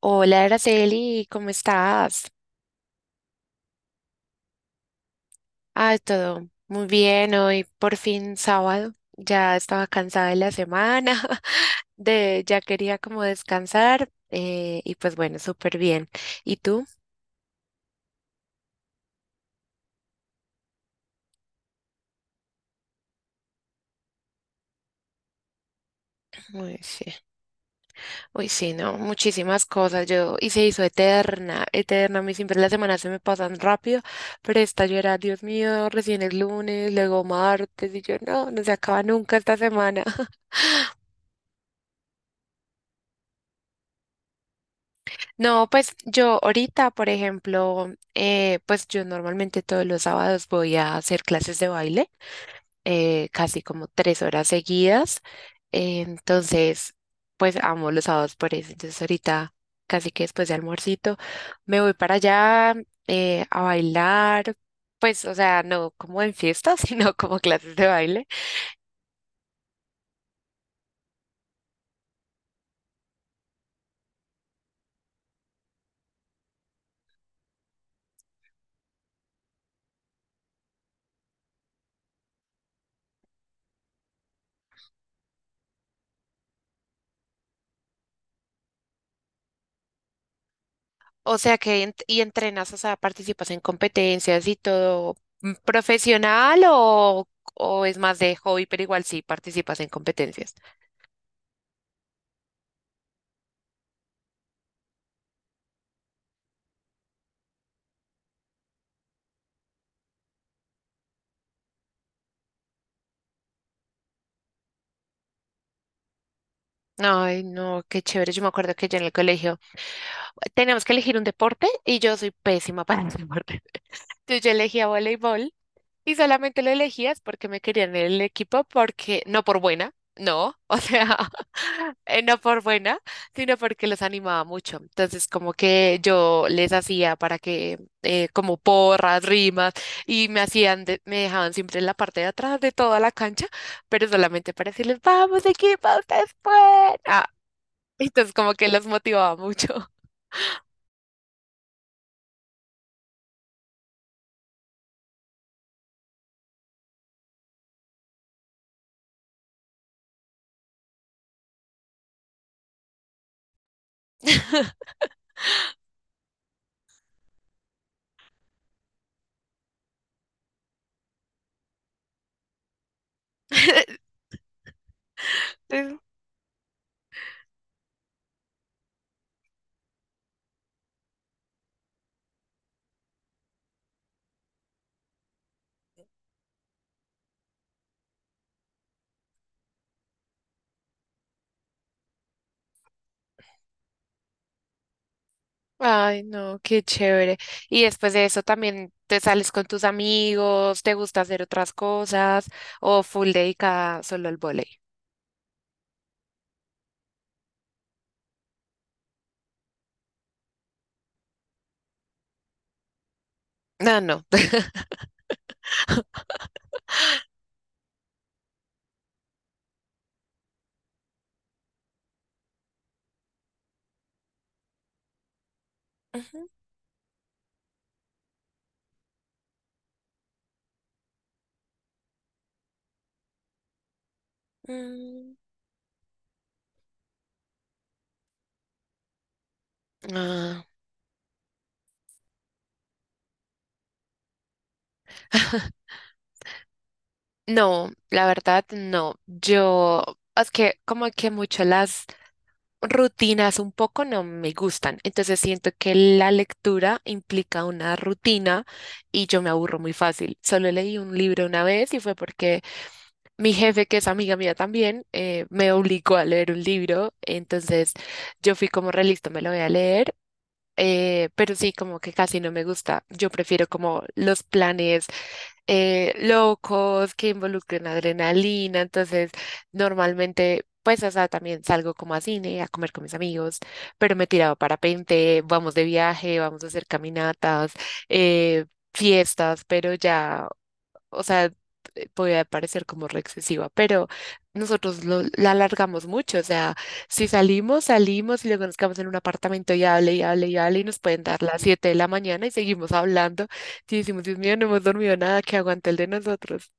Hola, Araceli, ¿cómo estás? Ah, todo muy bien, hoy por fin sábado. Ya estaba cansada de la semana, de ya quería como descansar y pues bueno, súper bien. ¿Y tú? Uy, sí. Uy, sí, no, muchísimas cosas. Yo y se hizo eterna, eterna. A mí siempre las semanas se me pasan rápido, pero esta yo era, Dios mío, recién es lunes, luego martes y yo no, no se acaba nunca esta semana. No, pues yo ahorita, por ejemplo, pues yo normalmente todos los sábados voy a hacer clases de baile, casi como 3 horas seguidas. Entonces pues amo los sábados por eso. Entonces ahorita, casi que después de almuercito, me voy para allá a bailar. Pues, o sea, no como en fiestas, sino como clases de baile. O sea que y entrenas, o sea, participas en competencias y todo mm, profesional o es más de hobby, pero igual sí participas en competencias. Ay, no, qué chévere. Yo me acuerdo que yo en el colegio teníamos que elegir un deporte y yo soy pésima para el deporte. Entonces yo elegía voleibol. Y solamente lo elegías porque me querían en el equipo, porque no por buena, no, o sea, no por buena, sino porque los animaba mucho. Entonces, como que yo les hacía para que, como porras, rimas, y me hacían, me dejaban siempre en la parte de atrás de toda la cancha, pero solamente para decirles, vamos equipo, ustedes pueden. Ah, entonces, como que los motivaba mucho. Ay, no, qué chévere. Y después de eso también te sales con tus amigos, te gusta hacer otras cosas o full dedicada solo al vóley. No, no. Ujú, mm, ah, no, la verdad no. Yo, es que como que mucho las rutinas un poco no me gustan. Entonces siento que la lectura implica una rutina y yo me aburro muy fácil. Solo leí un libro una vez y fue porque mi jefe, que es amiga mía también, me obligó a leer un libro, entonces yo fui como realista, me lo voy a leer, pero sí, como que casi no me gusta. Yo prefiero como los planes locos que involucren adrenalina, entonces normalmente, pues, o sea, también salgo como a cine, a comer con mis amigos, pero me he tirado parapente, vamos de viaje, vamos a hacer caminatas, eh, fiestas, pero ya o sea, podía parecer como re excesiva, pero nosotros la alargamos mucho, o sea, si salimos, salimos y luego nos quedamos en un apartamento y hable y hable y hable y nos pueden dar las 7 de la mañana y seguimos hablando y decimos, Dios mío, no hemos dormido nada, que aguante el de nosotros.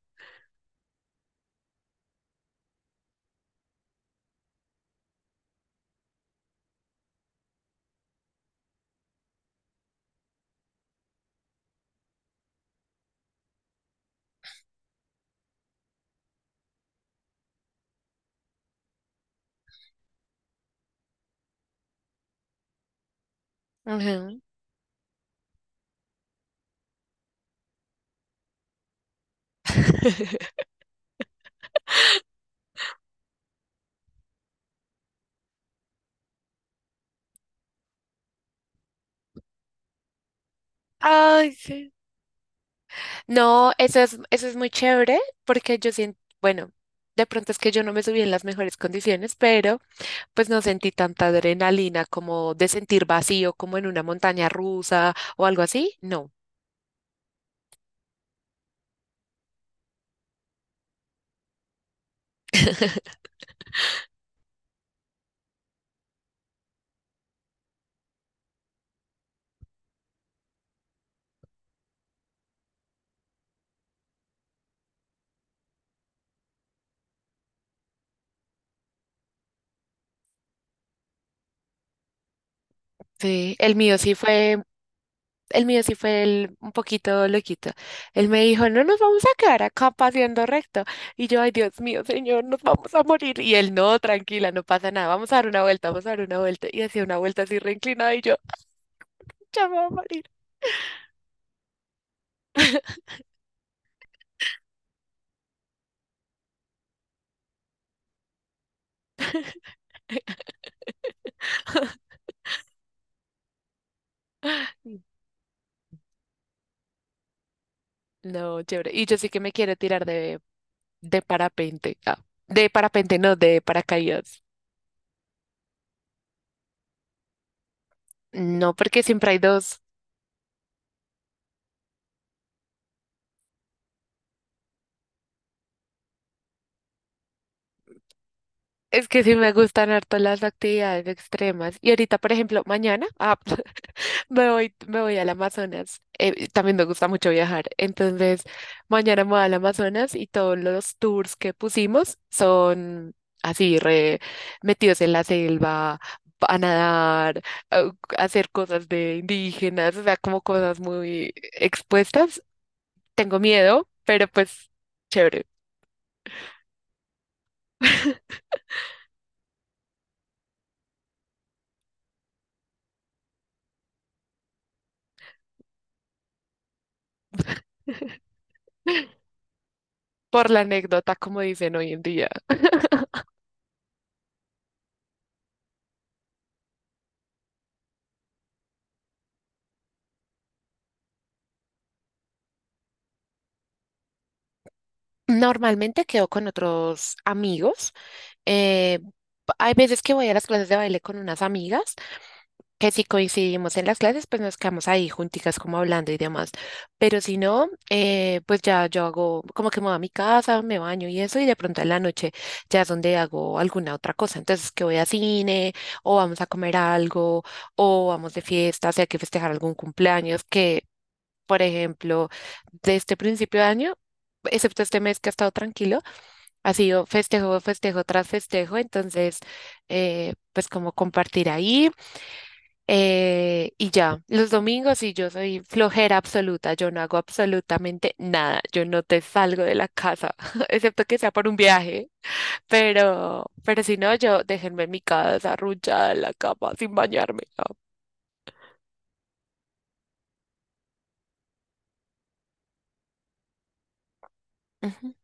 Ajá. Ay, sí. No, eso es muy chévere porque yo siento, bueno, de pronto es que yo no me subí en las mejores condiciones, pero pues no sentí tanta adrenalina como de sentir vacío, como en una montaña rusa o algo así. No. Sí, el mío sí fue, el mío sí fue un poquito loquito. Él me dijo, no nos vamos a quedar acá paseando recto. Y yo, ay Dios mío, señor, nos vamos a morir. Y él, no, tranquila, no pasa nada, vamos a dar una vuelta, vamos a dar una vuelta. Y hacía una vuelta así reinclinada y yo, ya me voy a morir. No, chévere. Y yo sí que me quiero tirar de parapente. Ah, de parapente, no, de paracaídas. No, porque siempre hay dos. Es que sí me gustan harto las actividades extremas. Y ahorita, por ejemplo, mañana ah, me voy al Amazonas. También me gusta mucho viajar. Entonces, mañana me voy al Amazonas y todos los tours que pusimos son así, re metidos en la selva, a nadar, a a hacer cosas de indígenas, o sea, como cosas muy expuestas. Tengo miedo, pero pues chévere. Por la anécdota, como dicen hoy en día. Normalmente quedo con otros amigos. eh, Hay veces que voy a las clases de baile con unas amigas, que si coincidimos en las clases, pues nos quedamos ahí junticas como hablando y demás. Pero si no, pues ya yo hago como que me voy a mi casa, me baño y eso, y de pronto en la noche ya es donde hago alguna otra cosa. Entonces que voy a cine, o vamos a comer algo, o vamos de fiesta, si hay que festejar algún cumpleaños, que por ejemplo, de este principio de año, excepto este mes que ha estado tranquilo. Ha sido festejo, festejo tras festejo, entonces, pues como compartir ahí y ya. Los domingos sí, yo soy flojera absoluta, yo no hago absolutamente nada, yo no te salgo de la casa, excepto que sea por un viaje, pero si no, yo déjenme en mi casa arrullada en la cama sin bañarme. ¿No? Ujú.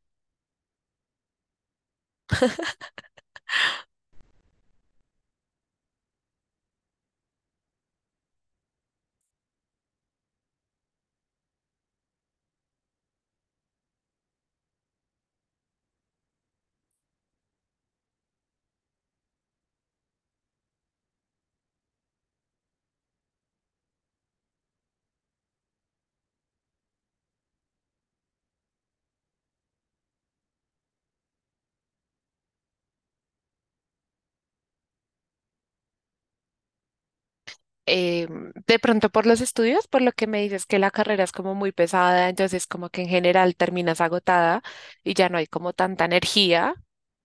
eh, de pronto por los estudios, por lo que me dices que la carrera es como muy pesada, entonces como que en general terminas agotada y ya no hay como tanta energía,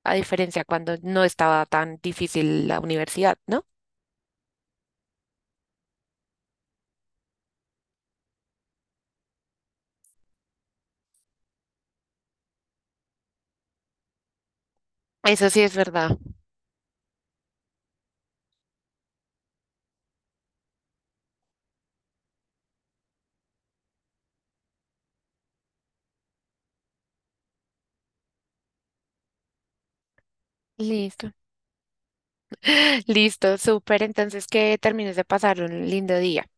a diferencia cuando no estaba tan difícil la universidad, ¿no? Eso sí es verdad. Listo. Listo, súper. Entonces que termines de pasar un lindo día.